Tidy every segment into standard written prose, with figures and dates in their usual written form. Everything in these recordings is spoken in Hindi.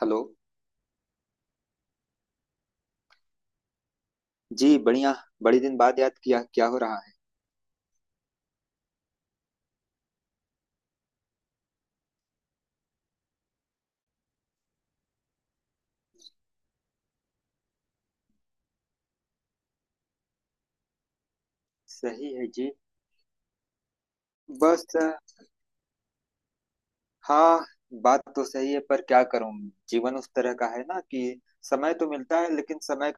हेलो। जी बढ़िया। बड़ी दिन बाद याद किया, क्या हो रहा है? सही है जी। बस हाँ, बात तो सही है पर क्या करूं। जीवन उस तरह का है ना कि समय तो मिलता है, लेकिन समय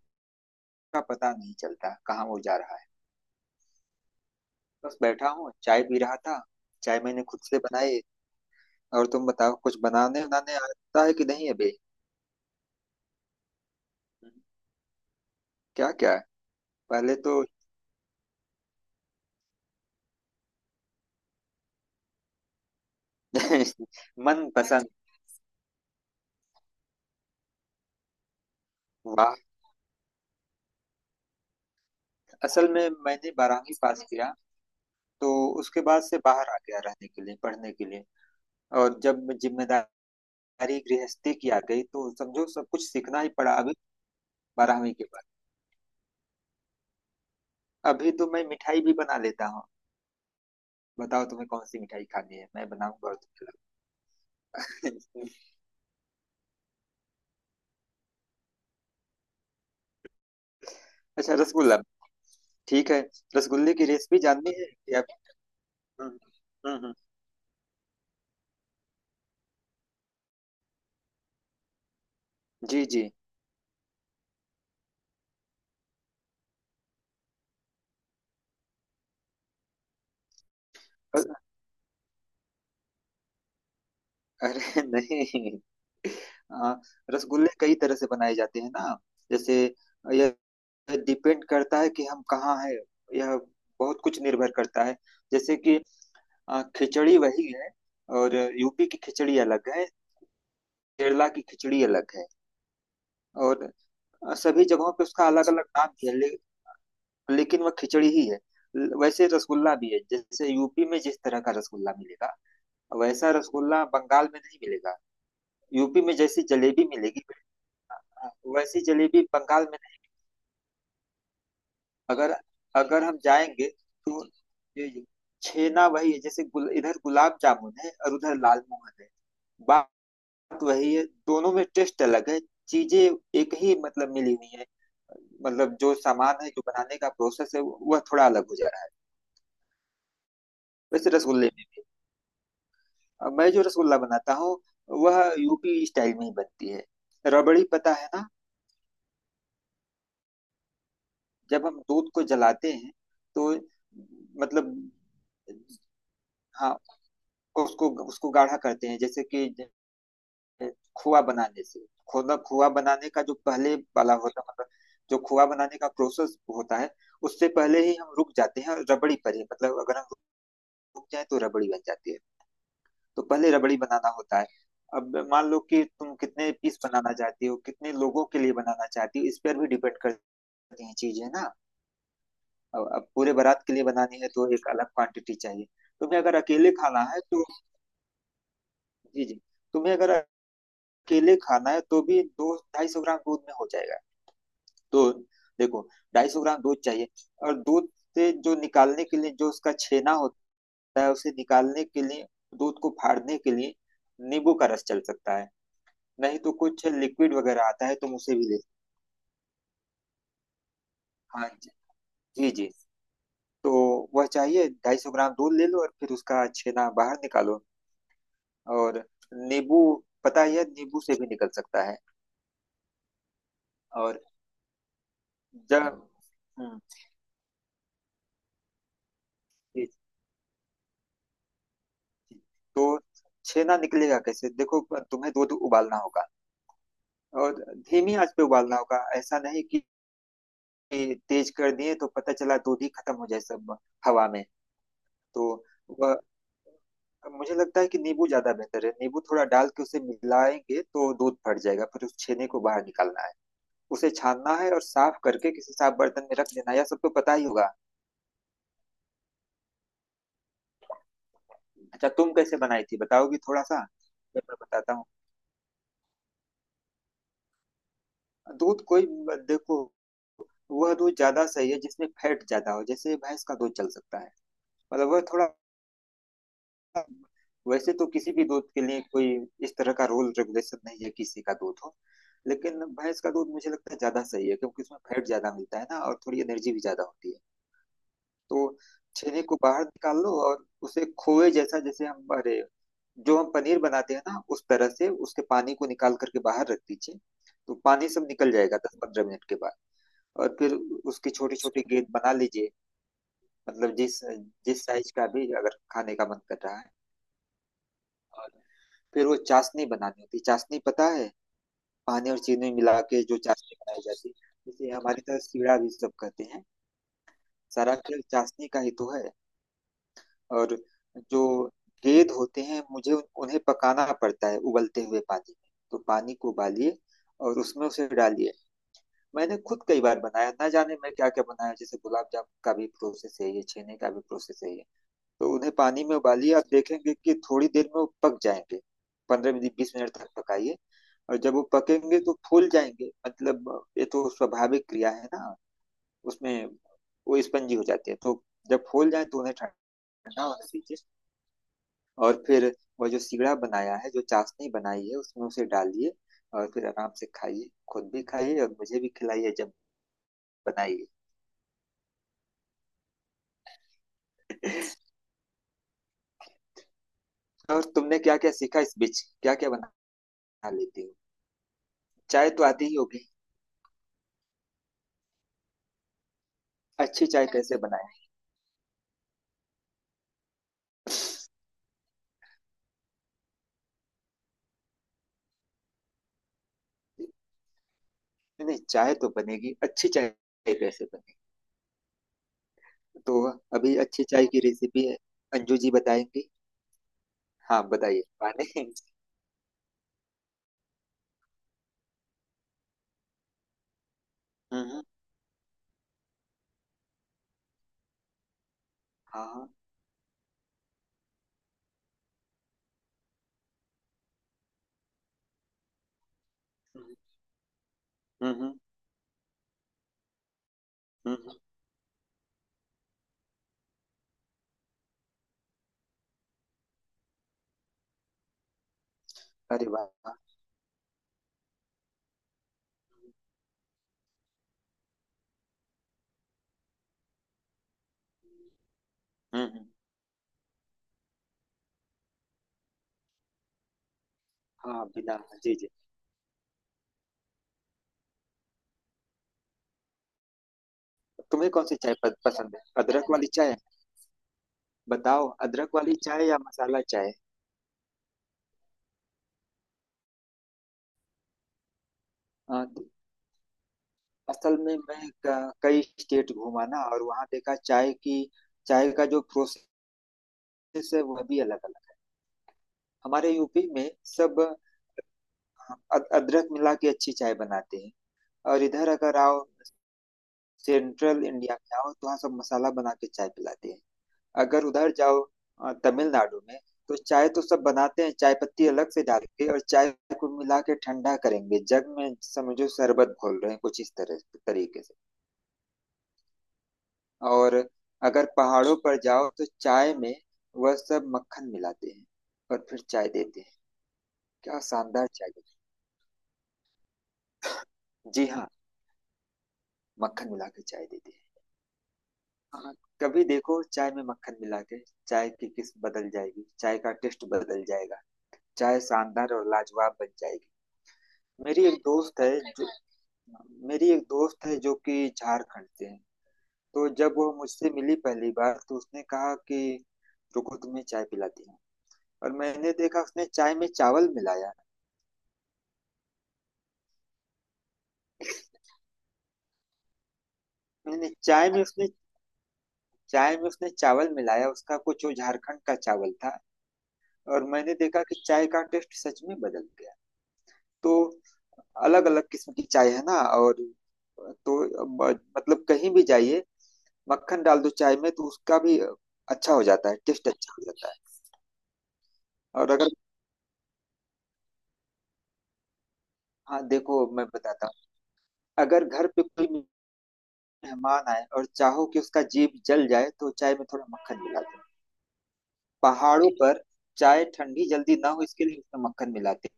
का पता नहीं चलता कहाँ वो जा रहा है। बस बैठा हूँ, चाय पी रहा था। चाय मैंने खुद से बनाई। और तुम बताओ, कुछ बनाने बनाने आता है कि नहीं अभी? क्या क्या है? पहले तो मन पसंद। वाह। असल में मैंने 12वीं पास किया, तो उसके बाद से बाहर आ गया रहने के लिए, पढ़ने के लिए। और जब जिम्मेदारी गृहस्थी की आ गई तो समझो सब कुछ सीखना ही पड़ा अभी। 12वीं के बाद अभी तो मैं मिठाई भी बना लेता हूँ। बताओ तुम्हें कौन सी मिठाई खानी है, मैं बनाऊंगा और तुम्हें खिलाऊंगा। अच्छा, रसगुल्ला। ठीक है। रसगुल्ले की रेसिपी जाननी है या? हम्म हम्म हम्म, जी जी। अ- अरे नहीं। हाँ, रसगुल्ले कई तरह से बनाए जाते हैं ना। जैसे यह डिपेंड करता है कि हम कहाँ हैं। यह बहुत कुछ निर्भर करता है। जैसे कि खिचड़ी वही है और यूपी की खिचड़ी अलग है, केरला की खिचड़ी अलग है। और सभी जगहों पे उसका अलग अलग नाम भी है लेकिन वह खिचड़ी ही है। वैसे रसगुल्ला भी है। जैसे यूपी में जिस तरह का रसगुल्ला मिलेगा वैसा रसगुल्ला बंगाल में नहीं मिलेगा। यूपी में जैसी जलेबी मिलेगी आ, वैसी जलेबी बंगाल में नहीं। अगर अगर हम जाएंगे तो ये- छेना वही है। जैसे इधर गुलाब जामुन है और उधर लाल मोहन है। बात वही है, दोनों में टेस्ट अलग है। चीजें एक ही मतलब मिली हुई है। मतलब जो सामान है, जो बनाने का प्रोसेस है वह थोड़ा अलग हो जा रहा है। वैसे रसगुल्ले में भी अब मैं जो रसगुल्ला बनाता हूँ वह यूपी स्टाइल में ही बनती है। रबड़ी पता है ना, जब हम दूध को जलाते हैं तो मतलब हाँ उसको उसको गाढ़ा करते हैं। जैसे कि खोआ बनाने से खोदा खोआ बनाने का जो पहले वाला होता मतलब, जो खोआ बनाने का प्रोसेस होता है उससे पहले ही हम रुक जाते हैं और रबड़ी पर ही मतलब अगर हम रुक जाए तो रबड़ी बन जाती है। तो पहले रबड़ी बनाना होता है। अब मान लो कि तुम कितने पीस बनाना चाहती हो, कितने लोगों के लिए बनाना चाहती हो इस पर भी डिपेंड करती हैं चीजें ना। अब पूरे बारात के लिए बनानी है तो एक अलग क्वांटिटी चाहिए। तुम्हें अगर अकेले खाना है तो जी जी, तुम्हें अगर अकेले खाना है तो भी 200-250 ग्राम दूध में हो जाएगा। दूध, देखो, 250 ग्राम दूध चाहिए। और दूध से जो निकालने के लिए जो उसका छेना होता है, उसे निकालने के लिए, दूध को फाड़ने के लिए नींबू का रस चल सकता है। नहीं तो कुछ लिक्विड वगैरह आता है, तुम उसे भी ले। हाँ जी, जी जी। तो वह चाहिए, 250 ग्राम दूध ले लो और फिर उसका छेना बाहर निकालो। और नींबू, पता ही है नींबू से भी निकल सकता है। और जब हम्म जी, जी। तो छेना निकलेगा कैसे, देखो तुम्हें दूध उबालना होगा। और धीमी आंच पे उबालना होगा, ऐसा नहीं कि तेज कर दिए तो पता चला दूध ही खत्म हो जाए सब हवा में। तो वह मुझे लगता है कि नींबू ज्यादा बेहतर है। नींबू थोड़ा डाल के उसे मिलाएंगे तो दूध फट जाएगा, फिर उस छेने को बाहर निकालना है, उसे छानना है और साफ करके किसी साफ बर्तन में रख देना है। यह सब तो पता ही होगा। अच्छा, तुम कैसे बनाई थी बताओगी थोड़ा सा, फिर मैं बताता हूँ। दूध कोई, देखो, वह दूध ज्यादा सही है जिसमें फैट ज्यादा हो, जैसे भैंस का दूध चल सकता है। मतलब वह थोड़ा, वैसे तो किसी भी दूध के लिए कोई इस तरह का रूल रेगुलेशन नहीं है, किसी का दूध हो। लेकिन भैंस का दूध मुझे लगता है ज्यादा सही है क्योंकि उसमें फैट ज्यादा मिलता है ना, और थोड़ी एनर्जी भी ज्यादा होती है। तो छेने को बाहर निकाल लो और उसे खोए जैसा, जैसे हम अरे, जो हम पनीर बनाते हैं ना उस तरह से उसके पानी को निकाल करके बाहर रख दीजिए। तो पानी सब निकल जाएगा 10-15 मिनट के बाद। और फिर उसकी छोटी छोटी गेंद बना लीजिए, मतलब जिस जिस साइज का भी अगर खाने का मन कर रहा है। और फिर वो चाशनी बनानी होती है। चाशनी पता है, पानी और चीनी मिला के जो चाशनी बनाई जाती है, इसे हमारी तरह सीढ़ा भी सब कहते हैं। सारा खेल चाशनी का ही तो है। और जो गेंद होते हैं मुझे उन्हें पकाना पड़ता है उबलते हुए पानी में। तो पानी को उबालिए और उसमें उसे डालिए। मैंने खुद कई बार बनाया, ना जाने मैं क्या क्या बनाया। जैसे गुलाब जामुन का भी प्रोसेस है ये, छेने का भी प्रोसेस है ये। तो उन्हें पानी में उबालिए, आप देखेंगे कि थोड़ी देर में वो पक जाएंगे। 15-20 मिनट तक पकाइए। और जब वो पकेंगे तो फूल जाएंगे, मतलब ये तो स्वाभाविक क्रिया है ना। उसमें वो स्पंजी हो जाती है। तो जब फूल जाए तो उन्हें ठंडा होने दीजिए। और फिर वो जो सिगड़ा बनाया है, जो चाशनी बनाई है उसमें उसे डालिए। और फिर आराम से खाइए, खुद भी खाइए और मुझे भी खिलाइए जब बनाइए। और तुमने क्या क्या सीखा इस बीच, क्या क्या बना लेती हो? चाय तो आती ही होगी। अच्छी चाय कैसे बनाए? नहीं नहीं, चाय तो बनेगी, अच्छी चाय कैसे बनेगी? तो अभी अच्छी चाय की रेसिपी है, अंजू जी बताएंगी। हाँ बताइए माने। हम्म हम्म, हाँ हाँ। हम्म हम्म हम्म, हम्म, अरे वाह वाह, हम्म हम्म, हाँ बिना जी जी। तुम्हें कौन सी चाय पसंद है, अदरक वाली चाय? बताओ, अदरक वाली चाय या मसाला चाय? हाँ, तो असल में मैं कई स्टेट घूमा ना, और वहाँ देखा चाय की, चाय का जो प्रोसेस है वह भी अलग अलग है। हमारे यूपी में सब अदरक मिला के अच्छी चाय बनाते हैं। और इधर अगर आओ, सेंट्रल इंडिया में आओ, तो वहाँ सब मसाला बना के चाय पिलाते हैं। अगर उधर जाओ तमिलनाडु में, तो चाय तो सब बनाते हैं, चाय पत्ती अलग से डाल के, और चाय को मिला के ठंडा करेंगे जग में, समझो शरबत घोल रहे हैं कुछ इस तरह तरीके से। और अगर पहाड़ों पर जाओ तो चाय में वह सब मक्खन मिलाते हैं और फिर चाय देते हैं, क्या शानदार चाय देते हैं। जी हाँ, मक्खन मिला के चाय देते हैं। हाँ, कभी देखो चाय में मक्खन मिला के, चाय की किस्म बदल जाएगी, चाय का टेस्ट बदल जाएगा, चाय शानदार और लाजवाब बन जाएगी। मेरी एक दोस्त है जो, मेरी एक दोस्त है जो कि झारखंड से है। तो जब वो मुझसे मिली पहली बार तो उसने कहा कि रुको, तुम्हें चाय पिलाती हूँ। और मैंने देखा उसने चाय में चावल मिलाया। मैंने चाय में उसने, चाय में उसने चावल मिलाया, उसका कुछ वो झारखंड का चावल था। और मैंने देखा कि चाय का टेस्ट सच में बदल गया। तो अलग अलग किस्म की चाय है ना। और तो मतलब कहीं भी जाइए मक्खन डाल दो चाय में तो उसका भी अच्छा हो जाता है, टेस्ट अच्छा हो जाता है। और अगर, हाँ देखो मैं बताता हूँ, अगर घर पे कोई मेहमान आए और चाहो कि उसका जीभ जल जाए तो चाय में थोड़ा मक्खन मिला दो। पहाड़ों पर चाय ठंडी जल्दी ना हो इसके लिए उसमें मक्खन मिलाते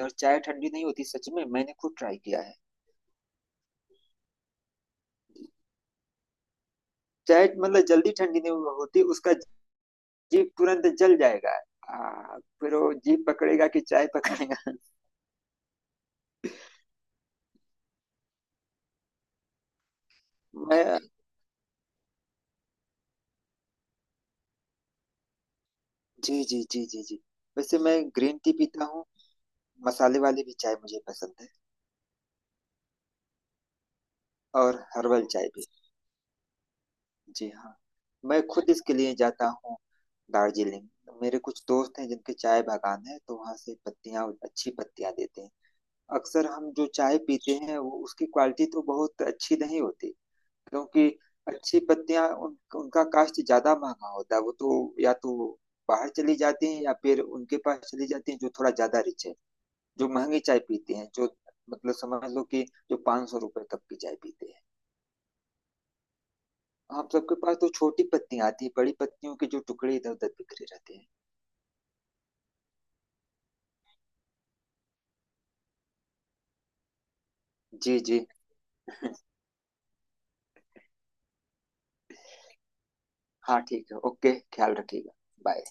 हैं, और चाय ठंडी नहीं होती। सच में मैंने खुद ट्राई किया है। चाय मतलब जल्दी ठंडी नहीं होती, उसका जीप तुरंत जल जाएगा। फिर वो जीप पकड़ेगा कि चाय पकड़ेगा। मैं जी जी जी जी जी। वैसे मैं ग्रीन टी पीता हूँ, मसाले वाली भी चाय मुझे पसंद है, और हर्बल चाय भी। जी हाँ, मैं खुद इसके लिए जाता हूँ दार्जिलिंग। मेरे कुछ दोस्त हैं जिनके चाय बागान है, तो वहाँ से पत्तियाँ, अच्छी पत्तियाँ देते हैं। अक्सर हम जो चाय पीते हैं वो उसकी क्वालिटी तो बहुत अच्छी नहीं होती। क्योंकि अच्छी पत्तियां उनका कास्ट ज्यादा महंगा होता है, वो तो या तो बाहर चली जाती हैं, या फिर उनके पास चली जाती हैं जो थोड़ा ज्यादा रिच है, जो महंगी चाय पीते हैं, जो मतलब समझ लो कि जो 500 रुपए तक की चाय पीते हैं। हम सबके पास तो छोटी पत्तियां आती हैं, बड़ी पत्तियों के जो टुकड़े इधर उधर बिखरे रहते हैं। जी जी। हाँ ठीक है, ओके, ख्याल रखिएगा। बाय।